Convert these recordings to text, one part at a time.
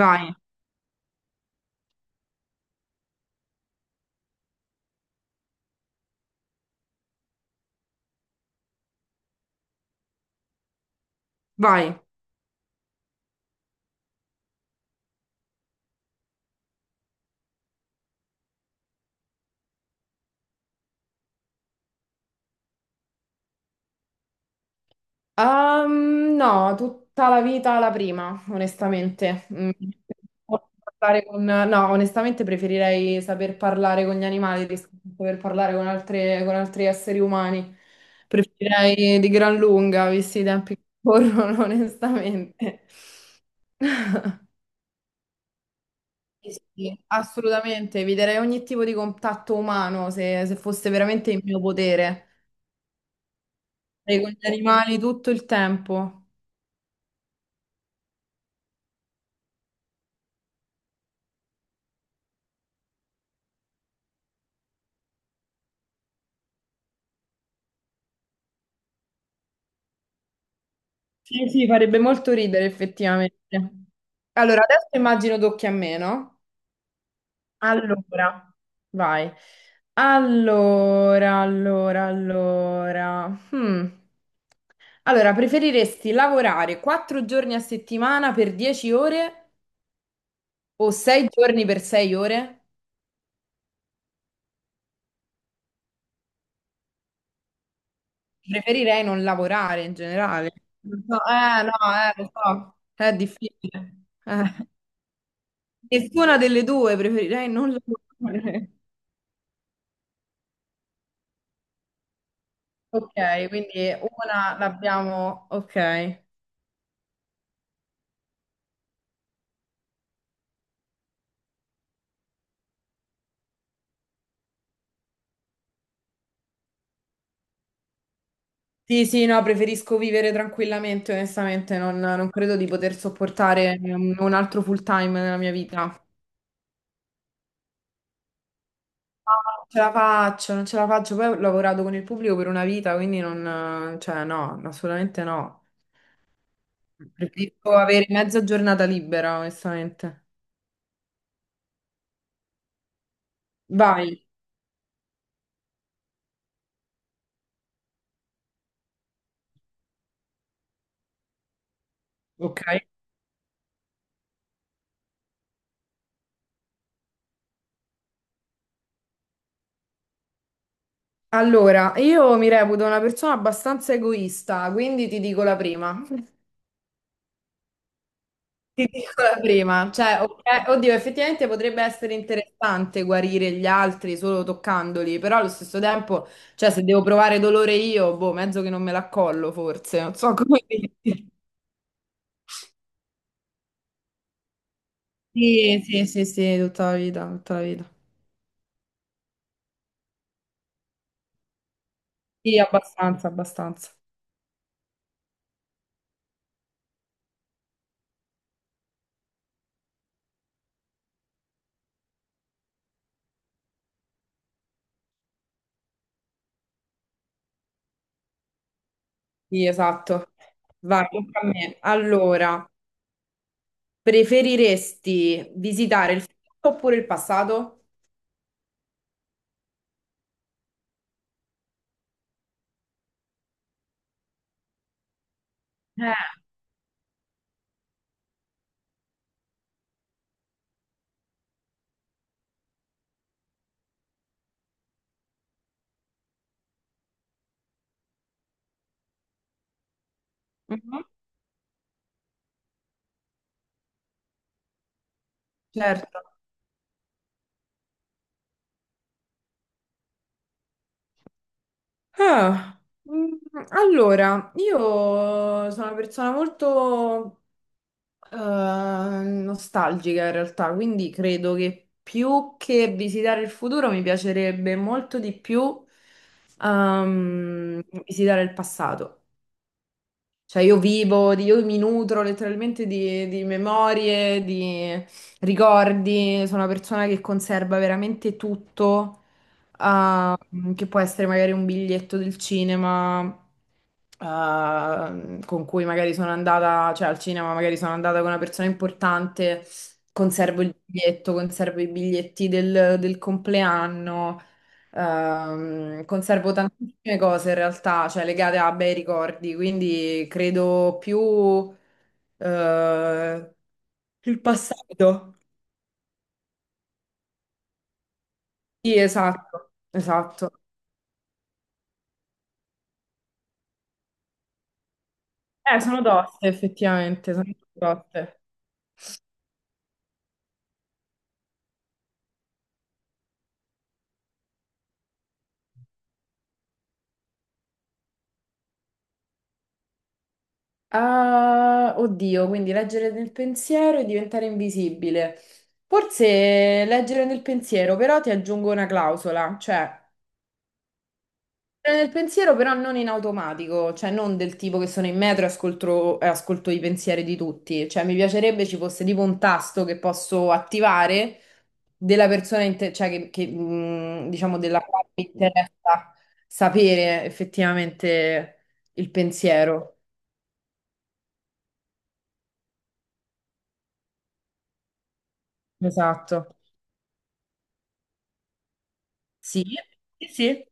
Vai, vai. No, tutta la vita la prima, onestamente. Posso No, onestamente preferirei saper parlare con gli animali rispetto a saper parlare con con altri esseri umani. Preferirei di gran lunga, visti i tempi che corrono, onestamente. Sì, sì, assolutamente, eviterei ogni tipo di contatto umano se fosse veramente in mio potere. Sarei con gli animali tutto il tempo. Sì, sì, farebbe molto ridere effettivamente. Allora, adesso immagino tocchi a me, no? Allora, vai. Allora. Hmm. Allora, preferiresti lavorare 4 giorni a settimana per 10 ore o 6 giorni per 6 ore? Preferirei non lavorare in generale. Non so, no, lo so, è difficile. Nessuna delle due, preferirei non lavorare. Ok, quindi una l'abbiamo. Ok. Sì, sì, no, preferisco vivere tranquillamente, onestamente, non credo di poter sopportare un altro full time nella mia vita. No. Non ce la faccio, non ce la faccio. Poi ho lavorato con il pubblico per una vita, quindi non, cioè, no, assolutamente no. Preferisco avere mezza giornata libera, onestamente. Vai. Ok. Allora, io mi reputo una persona abbastanza egoista, quindi ti dico la prima. Ti dico la prima, cioè, ok, oddio, effettivamente potrebbe essere interessante guarire gli altri solo toccandoli, però allo stesso tempo, cioè, se devo provare dolore io, boh, mezzo che non me l'accollo forse, non so come dirti. Sì, sì, sì, sì, tutta la vita, tutta la vita. Sì, abbastanza, abbastanza. Sì, esatto. Vai, tocca a me. Allora, preferiresti visitare il futuro oppure il passato? Eh. Mhm. Certo. Ah, mm, allora, io sono una persona molto nostalgica in realtà, quindi credo che più che visitare il futuro mi piacerebbe molto di più visitare il passato. Cioè io vivo, io mi nutro letteralmente di memorie, di ricordi, sono una persona che conserva veramente tutto ah, che può essere magari un biglietto del cinema. Con cui magari sono andata, cioè al cinema magari sono andata con una persona importante, conservo il biglietto, conservo i biglietti del compleanno, conservo tantissime cose in realtà, cioè legate a bei ricordi, quindi credo più eh, il passato. Sì, esatto, esatto. Sono toste, effettivamente, sono toste. Ah, oddio, quindi leggere nel pensiero e diventare invisibile. Forse leggere nel pensiero, però ti aggiungo una clausola, cioè nel pensiero però non in automatico, cioè non del tipo che sono in metro e ascolto i pensieri di tutti, cioè mi piacerebbe ci fosse tipo un tasto che posso attivare della persona, cioè che, diciamo della quale mi interessa sapere effettivamente il pensiero. Esatto. Sì, sì, sì.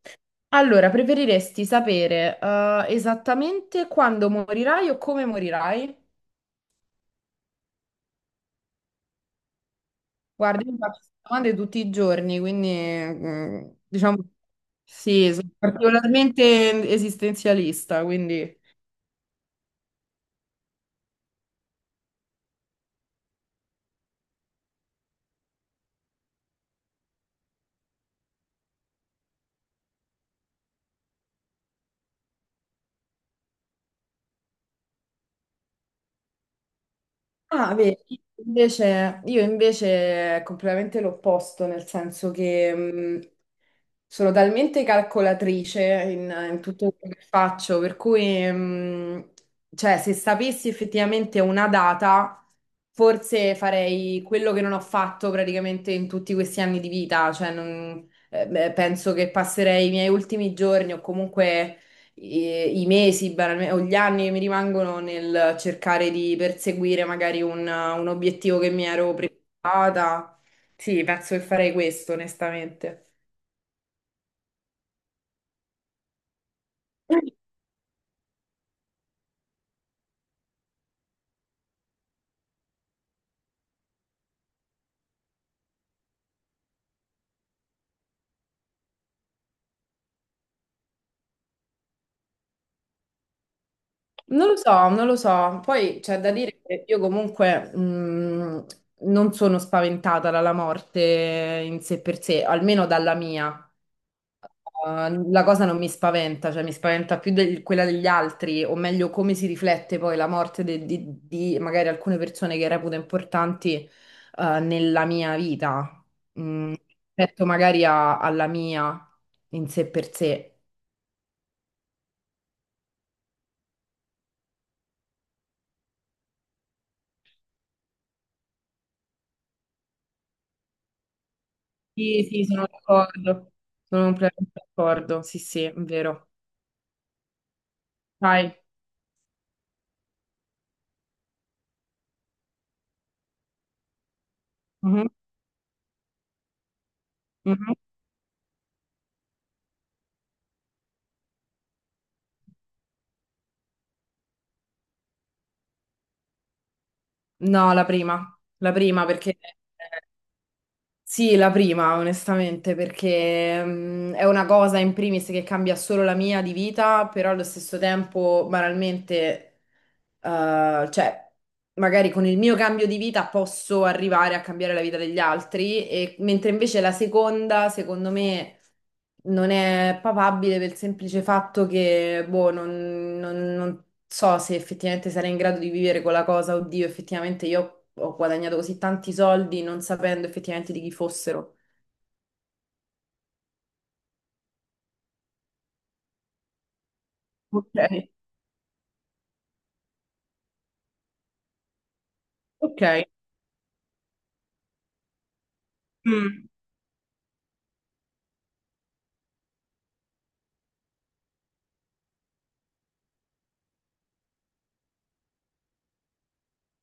Allora, preferiresti sapere esattamente quando morirai o come morirai? Guardi, io faccio queste domande tutti i giorni, quindi diciamo sì, sono particolarmente esistenzialista, quindi. Ah, vedi, invece, io invece è completamente l'opposto, nel senso che sono talmente calcolatrice in tutto quello che faccio, per cui, cioè, se sapessi effettivamente una data, forse farei quello che non ho fatto praticamente in tutti questi anni di vita. Cioè, beh, penso che passerei i miei ultimi giorni o comunque i mesi, o gli anni che mi rimangono nel cercare di perseguire magari un obiettivo che mi ero prefissata. Sì, penso che farei questo, onestamente. Non lo so, non lo so. Poi c'è da dire che io comunque non sono spaventata dalla morte in sé per sé, almeno dalla mia. La cosa non mi spaventa, cioè mi spaventa più quella degli altri, o meglio come si riflette poi la morte di magari alcune persone che reputo importanti nella mia vita, Mm, rispetto magari alla mia in sé per sé. Sì, sì, sono d'accordo. Sono completamente d'accordo, sì, sì, è vero. Vai. Mhm, mhm. No, la prima perché sì, la prima onestamente perché è una cosa in primis che cambia solo la mia di vita, però allo stesso tempo banalmente, cioè. Magari con il mio cambio di vita posso arrivare a cambiare la vita degli altri, e, mentre invece la seconda, secondo me, non è papabile per il semplice fatto che, boh, non so se effettivamente sarei in grado di vivere con la cosa, oddio, effettivamente io ho guadagnato così tanti soldi non sapendo effettivamente di chi fossero. Ok, ok. Mm.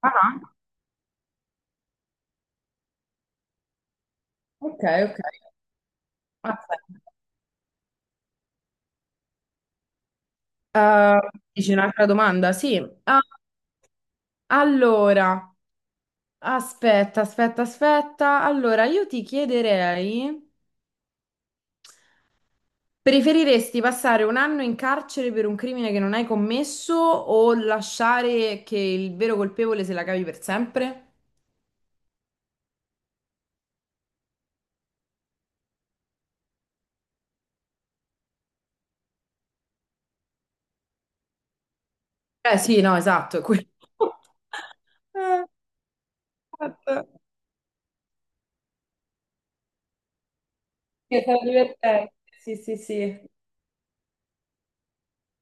Ah, ok, ok. Ah, dici un'altra domanda? Sì. Ah, allora. Aspetta, aspetta, aspetta. Allora, io ti chiederei, preferiresti passare un anno in carcere per un crimine che non hai commesso o lasciare che il vero colpevole se la cavi per sempre? Eh sì, no, esatto, è quello. Eh, esatto. Che sarà divertente. Sì, sì, sì.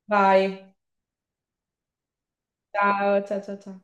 Vai. Ciao, ciao, ciao, ciao.